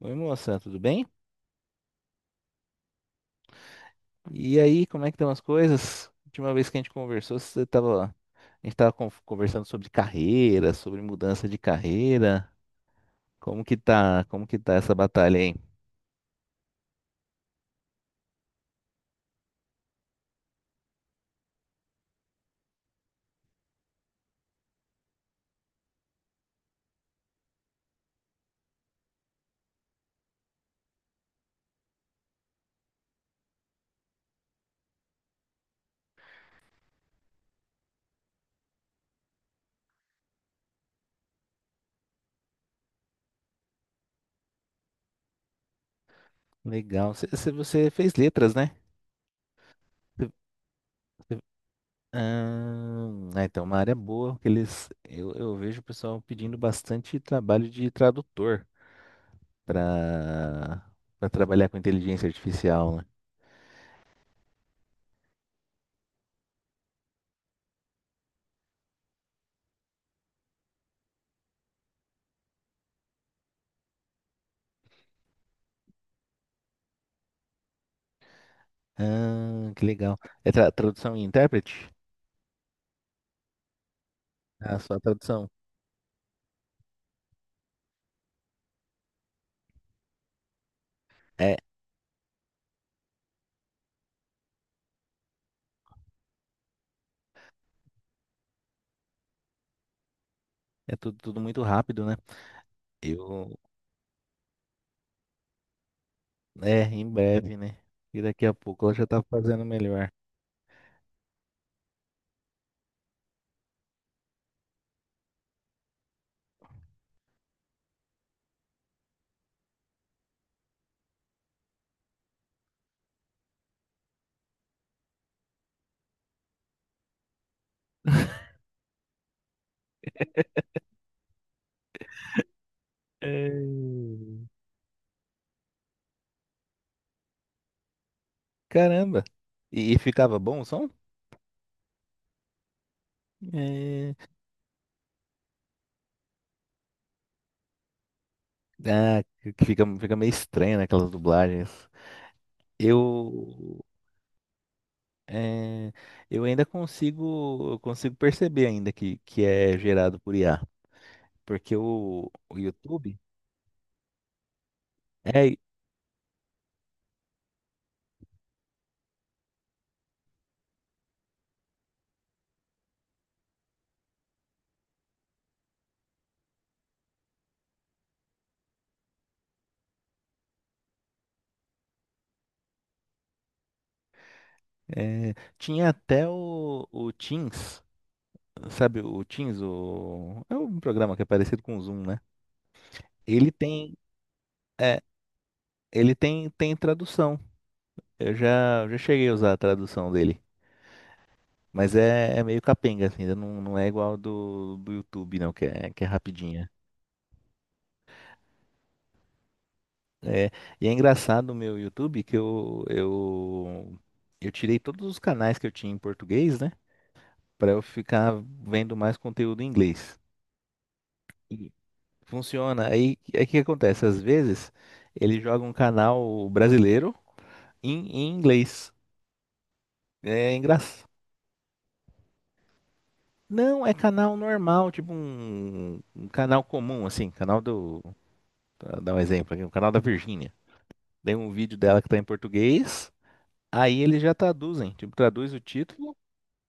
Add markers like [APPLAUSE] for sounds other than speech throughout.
Oi, moça, tudo bem? E aí, como é que estão as coisas? Última vez que a gente conversou, você tava, a gente tava conversando sobre carreira, sobre mudança de carreira. Como que tá essa batalha aí? Legal. Você fez letras, né? Você- você- então, uma área boa que eles, eu vejo o pessoal pedindo bastante trabalho de tradutor para para trabalhar com inteligência artificial, né? Ah, que legal. É tradução e intérprete? Ah, só a tradução. É, é tudo, tudo muito rápido, né? Eu, é, em breve, né? E daqui a pouco ela já tá fazendo melhor. É. Caramba! E ficava bom o som? É... Ah, que fica, fica meio estranho, né, aquelas dublagens. Eu, é, eu ainda consigo, eu consigo perceber ainda que é gerado por IA, porque o YouTube é, é, tinha até o Teams. Sabe o Teams, o... é um programa que é parecido com o Zoom, né? Ele tem, é, ele tem, tem tradução. Já cheguei a usar a tradução dele. Mas é, é meio capenga, assim, ainda não, não é igual do YouTube, não, que é rapidinha. É, e é engraçado o meu YouTube que eu tirei todos os canais que eu tinha em português, né? Pra eu ficar vendo mais conteúdo em inglês. E funciona. Aí o que acontece? Às vezes ele joga um canal brasileiro em inglês. É engraçado. Não, é canal normal, tipo um canal comum, assim, canal do. Pra dar um exemplo aqui, o canal da Virgínia. Tem um vídeo dela que tá em português, aí eles já traduzem, tipo, traduz o título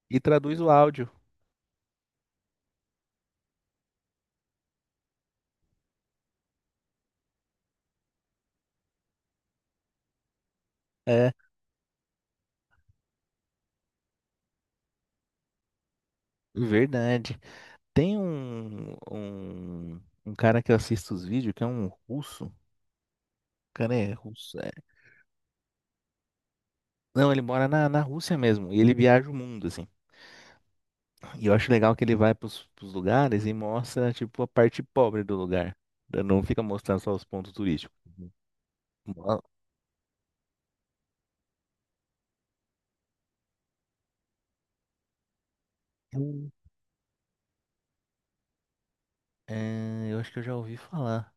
e traduz o áudio. É, verdade. Tem um cara que eu assisto os vídeos, que é um russo. O cara é russo, é. Não, ele mora na Rússia mesmo, e ele viaja o mundo, assim. E eu acho legal que ele vai pros lugares e mostra, tipo, a parte pobre do lugar. Não fica mostrando só os pontos turísticos. Mo- Hum. É, eu acho que eu já ouvi falar.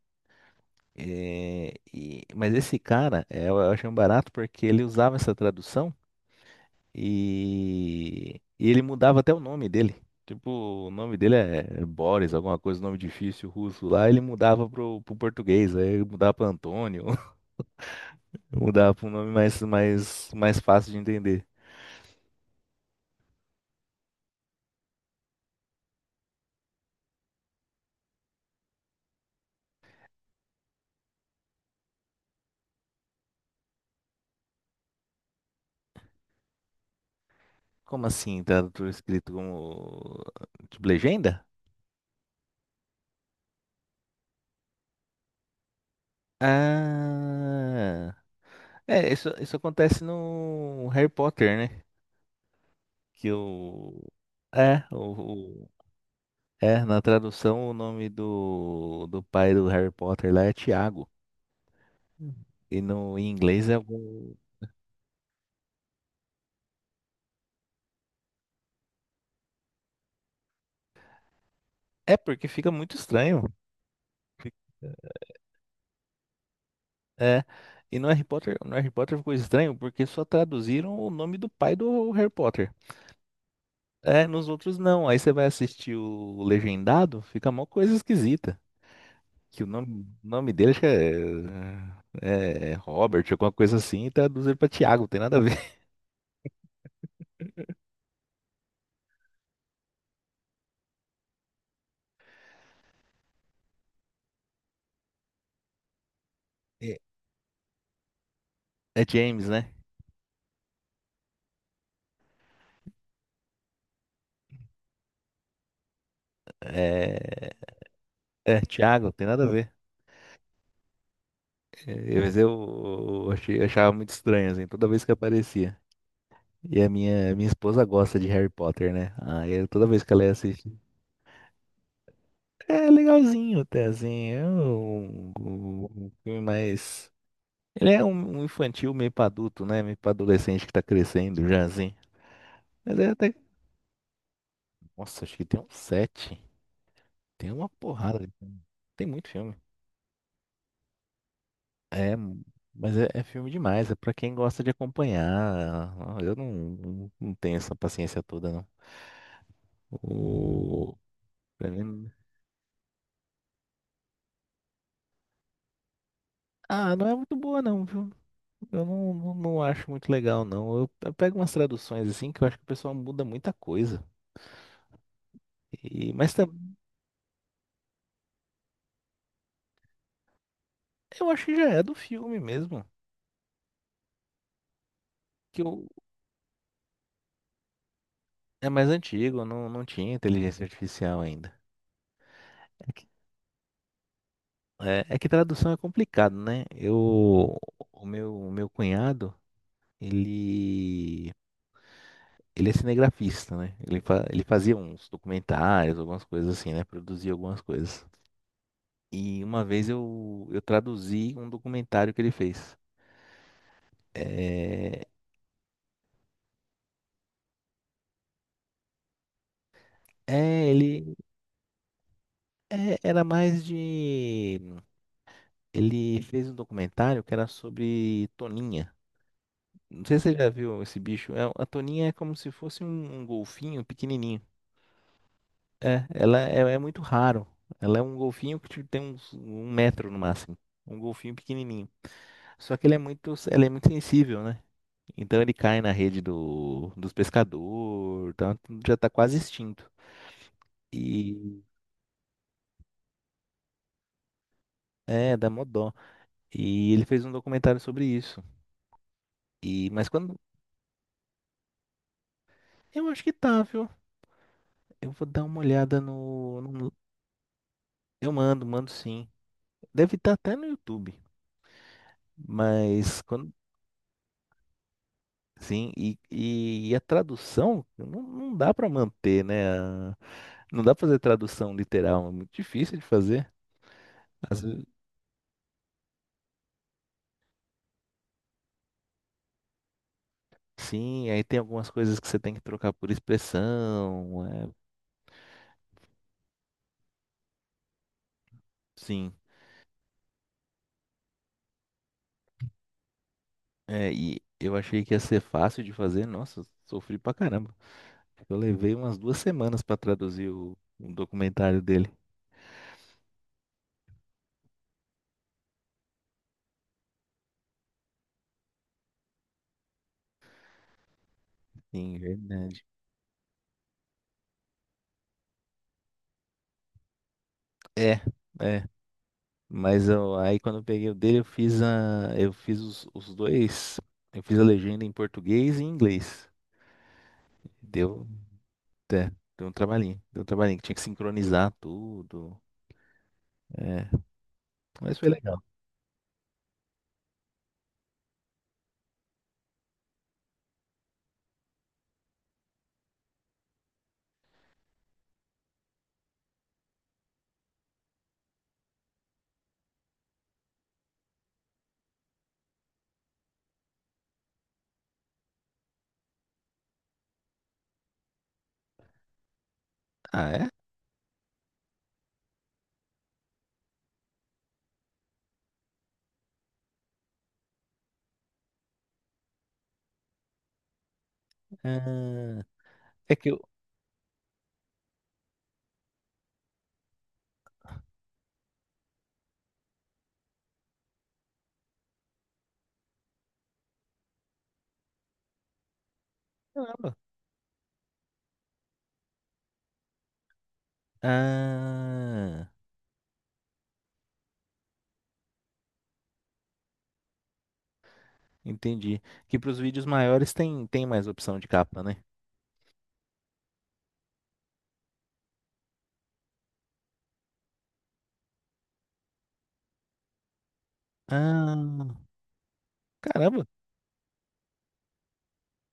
É, mas esse cara, é, eu achei um barato porque ele usava essa tradução e ele mudava até o nome dele. Tipo, o nome dele é é Boris, alguma coisa, nome difícil russo lá. Ele mudava pro português, aí mudava pra Antônio, [LAUGHS] mudava pra um nome mais, mais fácil de entender. Como assim? Tá tudo escrito como tipo legenda? Ah, é, isso acontece no Harry Potter, né? Que o é, é, na tradução o nome do pai do Harry Potter lá é Tiago. E no em inglês é algum... É porque fica muito estranho. É. E no Harry Potter, no Harry Potter ficou estranho porque só traduziram o nome do pai do Harry Potter. É, nos outros não. Aí você vai assistir o legendado, fica uma coisa esquisita. Que o nome dele acho que é, é é Robert, alguma coisa assim, e traduz ele pra Tiago, não tem nada a ver. [LAUGHS] É, é James, né? É, é Tiago, não tem nada a ver. É, mas achei, achava muito estranho, assim, toda vez que aparecia. E a minha esposa gosta de Harry Potter, né? Aí toda vez que ela ia assistir. É legalzinho até, assim. É um, um um filme mais. Ele é um, um infantil meio pra adulto, né? Meio pra adolescente que tá crescendo já, assim. Mas é até. Nossa, acho que tem uns sete. Tem uma porrada de filme. Tem muito filme. É, mas é, é filme demais. É pra quem gosta de acompanhar. Eu não, não, não tenho essa paciência toda, não. O... pra mim... Ah, não é muito boa, não, viu? Eu não, não, não acho muito legal, não. Eu pego umas traduções assim que eu acho que o pessoal muda muita coisa. E, mas eu acho que já é do filme mesmo. Que eu... É mais antigo, não, não tinha inteligência artificial ainda. É que, é, é que tradução é complicado, né? Eu, o meu cunhado, ele, ele é cinegrafista, né? Ele, ele fazia uns documentários, algumas coisas assim, né? Produzia algumas coisas. E uma vez eu traduzi um documentário que ele fez. É, é ele é, era mais de. Ele fez um documentário que era sobre Toninha. Não sei se você já viu esse bicho. É, a toninha é como se fosse um golfinho pequenininho. É, ela é, é muito raro. Ela é um golfinho que tipo, tem uns, um metro no máximo. Um golfinho pequenininho. Só que ele é muito, ela é muito sensível, né? Então ele cai na rede dos pescadores, tá? Já tá quase extinto. E é, dá mó dó. E ele fez um documentário sobre isso. E mas quando eu acho que tá, viu? Eu vou dar uma olhada eu mando, mando sim. Deve estar até no YouTube. Mas quando sim, e a tradução não, não dá para manter, né? a... não dá pra fazer tradução literal, é muito difícil de fazer. Às ve- sim, aí tem algumas coisas que você tem que trocar por expressão, é, sim. É, e eu achei que ia ser fácil de fazer, nossa, eu sofri pra caramba. Eu levei umas duas semanas para traduzir o documentário dele. Sim, verdade. É, é. Mas eu, aí quando eu peguei o dele, eu fiz a, eu fiz os dois, eu fiz a legenda em português e em inglês. Deu, é, deu um trabalhinho que tinha que sincronizar tudo. É, mas foi legal. Ah, é? Ah, é que eu, caramba. Ah, entendi. Que para os vídeos maiores tem tem mais opção de capa, né? Ah, caramba,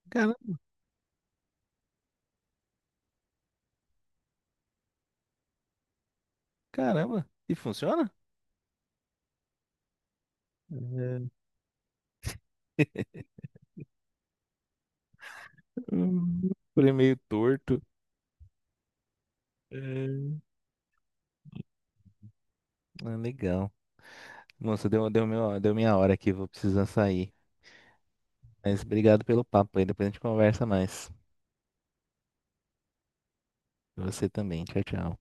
caramba, caramba. E funciona? É. [LAUGHS] Falei meio torto. É. Ah, legal. Nossa, deu, deu, meu, deu minha hora aqui, vou precisar sair. Mas obrigado pelo papo aí, depois a gente conversa mais. Você também, tchau, tchau.